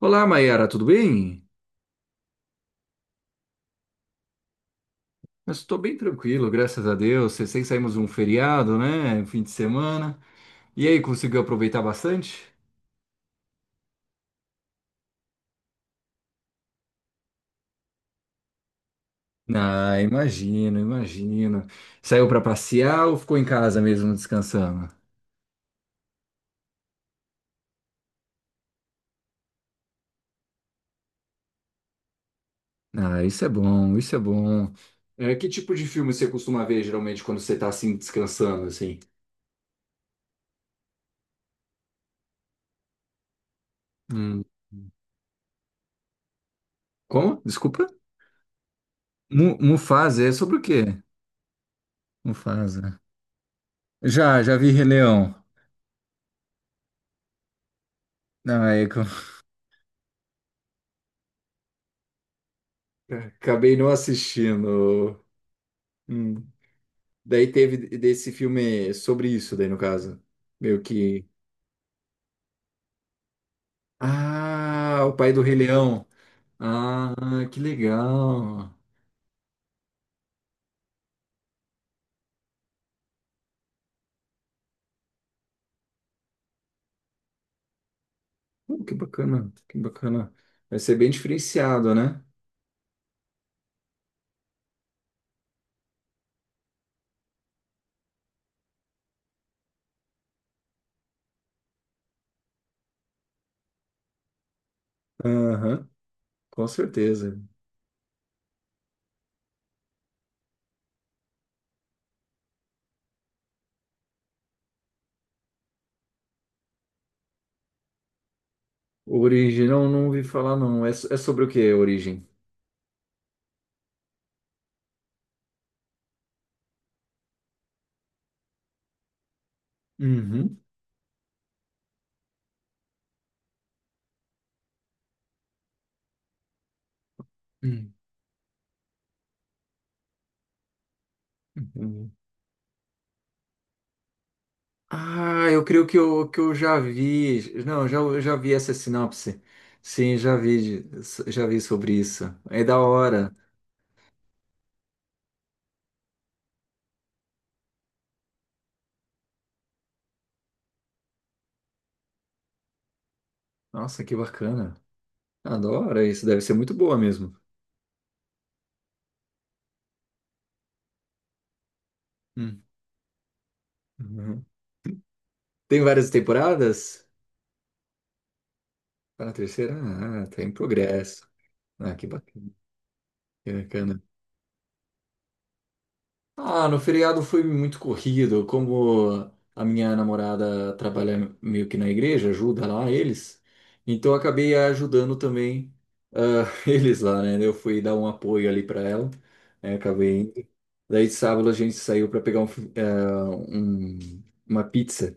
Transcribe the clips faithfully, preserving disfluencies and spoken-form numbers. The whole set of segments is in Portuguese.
Olá, Mayara, tudo bem? Eu estou bem tranquilo, graças a Deus. Sei sei Saímos um feriado, né? Fim de semana. E aí, conseguiu aproveitar bastante? Ah, imagino, imagino. Saiu para passear ou ficou em casa mesmo descansando? Ah, isso é bom, isso é bom. É, que tipo de filme você costuma ver geralmente quando você está assim descansando assim? Hum. Como? Desculpa? Mu Mufasa, é sobre o quê? Mufasa. Já, já vi Rei Leão. Não, é que acabei não assistindo. Hum. Daí teve desse filme sobre isso, daí no caso. Meio que. Ah, o pai do Rei Leão. Ah, que legal. Uh, que bacana, que bacana. Vai ser bem diferenciado, né? Aham, com certeza. Origem, não, não ouvi falar, não. É, so- é sobre o que, Origem? Uhum. Uhum. Ah, eu creio que eu, que eu já vi. Não, já, eu já vi essa sinopse. Sim, já vi, já vi sobre isso. É da hora. Nossa, que bacana. Adoro isso. Deve ser muito boa mesmo. Hum. Uhum. Tem várias temporadas? Tá na terceira? Ah, tá em progresso. Ah, que bacana. Que bacana. Ah, no feriado foi muito corrido. Como a minha namorada trabalha meio que na igreja, ajuda lá eles, então eu acabei ajudando também ah, eles lá, né? Eu fui dar um apoio ali para ela, né? Acabei indo. Daí de sábado a gente saiu para pegar um fi- ah, um- uma pizza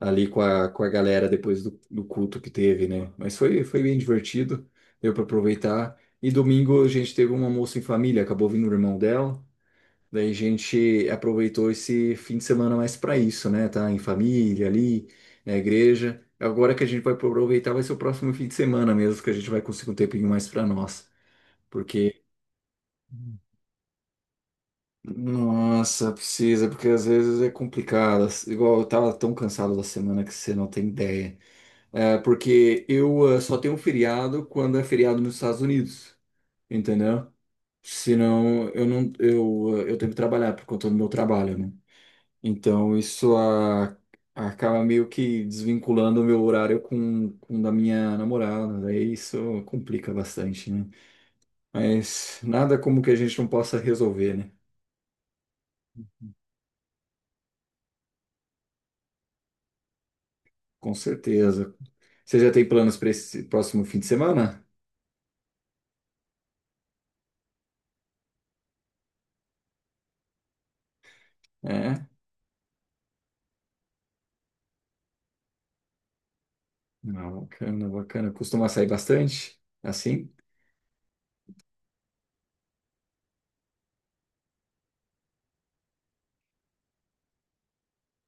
ali com a, com a galera depois do, do culto que teve, né? Mas foi, foi bem divertido, deu para aproveitar. E domingo a gente teve um almoço em família, acabou vindo o irmão dela. Daí a gente aproveitou esse fim de semana mais para isso, né? Tá em família ali, na igreja. Agora que a gente vai aproveitar vai ser o próximo fim de semana mesmo, que a gente vai conseguir um tempinho mais para nós. Porque, nossa, precisa, porque às vezes é complicado. Igual eu tava tão cansado da semana que você não tem ideia. É, porque eu eh, só tenho feriado quando é feriado nos Estados Unidos, entendeu? Senão eu não, eu, eh, eu tenho que trabalhar por conta do meu trabalho, né? Então, isso a- acaba meio que desvinculando o meu horário com, com o da minha namorada. Daí isso complica bastante, né? Mas nada como que a gente não possa resolver, né? Com certeza. Você já tem planos para esse próximo fim de semana? É? Não, bacana, bacana. Costuma sair bastante? Assim?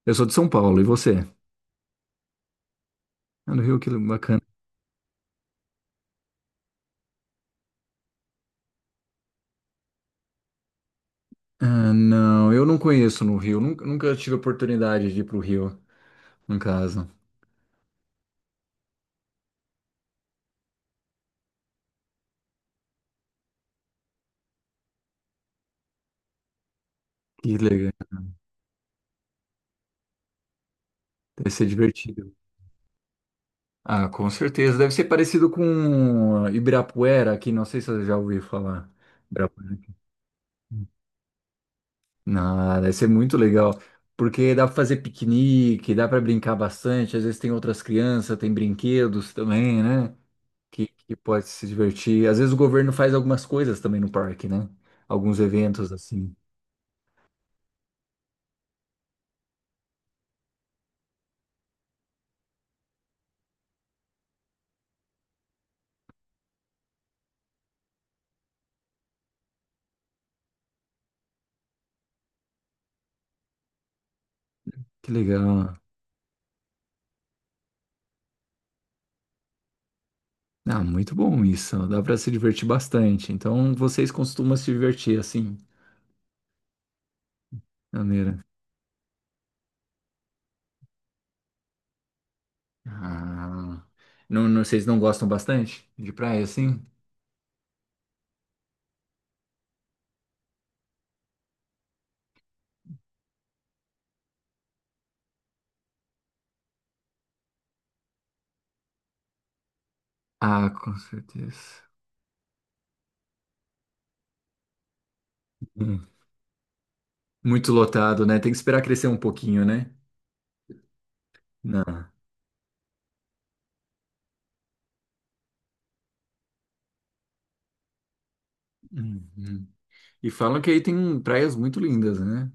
Eu sou de São Paulo, e você? Ah, no Rio, que bacana. Ah, não, eu não conheço no Rio. Nunca, nunca tive oportunidade de ir pro Rio, no caso. Que legal. Deve ser divertido. Ah, com certeza. Deve ser parecido com ah, Ibirapuera aqui, não sei se eu já ouvi falar. Ibirapuera. Não, deve ser muito legal, porque dá para fazer piquenique, dá para brincar bastante. Às vezes tem outras crianças, tem brinquedos também, né? Que, que pode se divertir. Às vezes o governo faz algumas coisas também no parque, né? Alguns eventos assim. Que legal. Ah, muito bom isso. Dá para se divertir bastante. Então vocês costumam se divertir assim, de maneira. Ah, não, não- vocês não gostam bastante de praia assim? Ah, com certeza. Hum. Muito lotado, né? Tem que esperar crescer um pouquinho, né? Não. Uhum. E falam que aí tem praias muito lindas, né?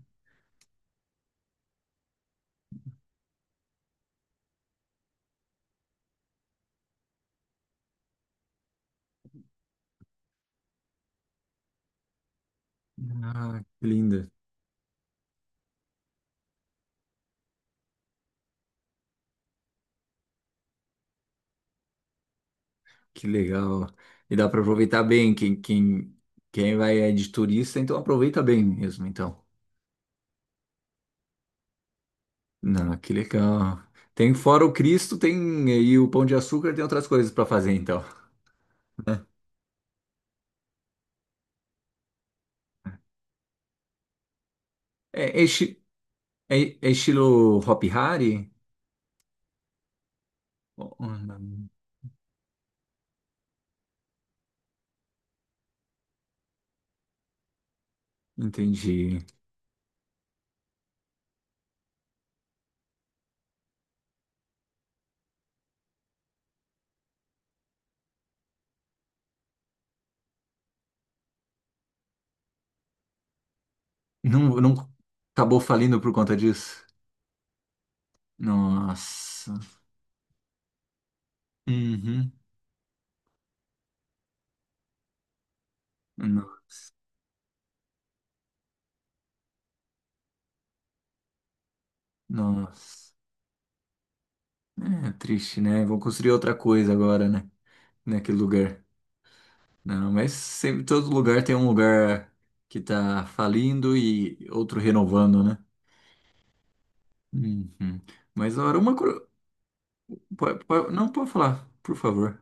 Ah, que linda, que legal. E dá para aproveitar bem. Quem, quem, quem vai é de turista, então aproveita bem mesmo, então. Não, que legal. Tem fora o Cristo, tem aí o Pão de Açúcar, tem outras coisas para fazer, então. É, enche- É, é estilo Hop Hari? Oh, hum. Entendi. Não, não acabou falindo por conta disso? Nossa. Uhum. No- Nossa. É triste, né? Vão construir outra coisa agora, né? Naquele lugar. Não, mas sempre todo lugar tem um lugar que tá falindo e outro renovando, né? Uhum. Mas, ora, uma. Cur- po- po- não, pode falar, por favor.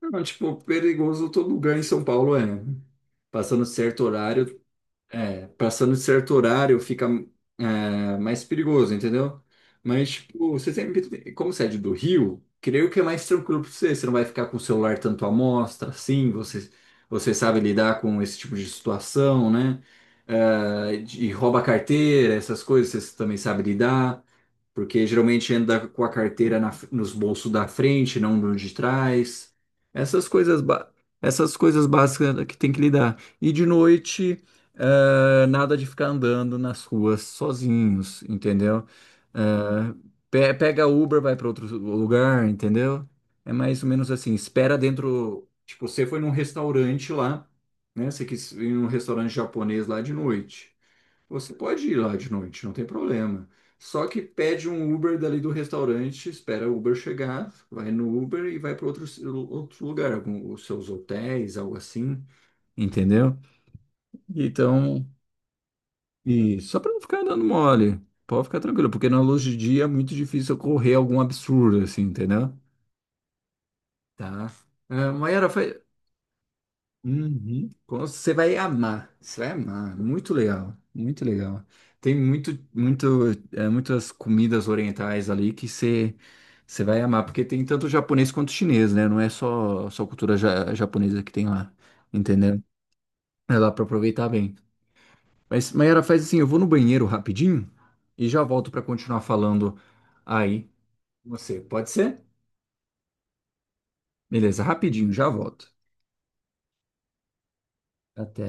Não, tipo, perigoso todo lugar em São Paulo é. né? Passando de certo horário, é, passando de certo horário fica é, mais perigoso, entendeu? Mas, tipo, você sempre, como você é de do Rio, creio que é mais tranquilo pra você. Você não vai ficar com o celular tanto à mostra, assim, você, você sabe lidar com esse tipo de situação, né? É, de, e rouba carteira, essas coisas, você também sabe lidar porque geralmente anda com a carteira na nos bolsos da frente, não no de trás. Essas coisas, ba- essas coisas básicas é que tem que lidar. E de noite, eh, nada de ficar andando nas ruas sozinhos, entendeu? Eh, pe- pega Uber, vai para outro lugar, entendeu? É mais ou menos assim, espera dentro. Tipo, você foi num restaurante lá, né? Você quis ir num restaurante japonês lá de noite. Você pode ir lá de noite, não tem problema. Só que pede um Uber dali do restaurante, espera o Uber chegar, vai no Uber e vai para outro, outro lugar, algum, os seus hotéis, algo assim, entendeu? Então, e só para não ficar dando mole, pode ficar tranquilo, porque na luz de dia é muito difícil ocorrer algum absurdo, assim, entendeu? Tá. Ah, Mayara, fa- Uhum. Você vai amar, você vai amar. Muito legal, muito legal. Tem muito, muito, é, muitas comidas orientais ali que você, você vai amar, porque tem tanto japonês quanto chinês, né? Não é só, só cultura ja- japonesa que tem lá, entendeu? É lá para aproveitar bem. Mas, Mayara, faz assim, eu vou no banheiro rapidinho e já volto para continuar falando aí com você. Pode ser? Beleza, rapidinho, já volto. Até.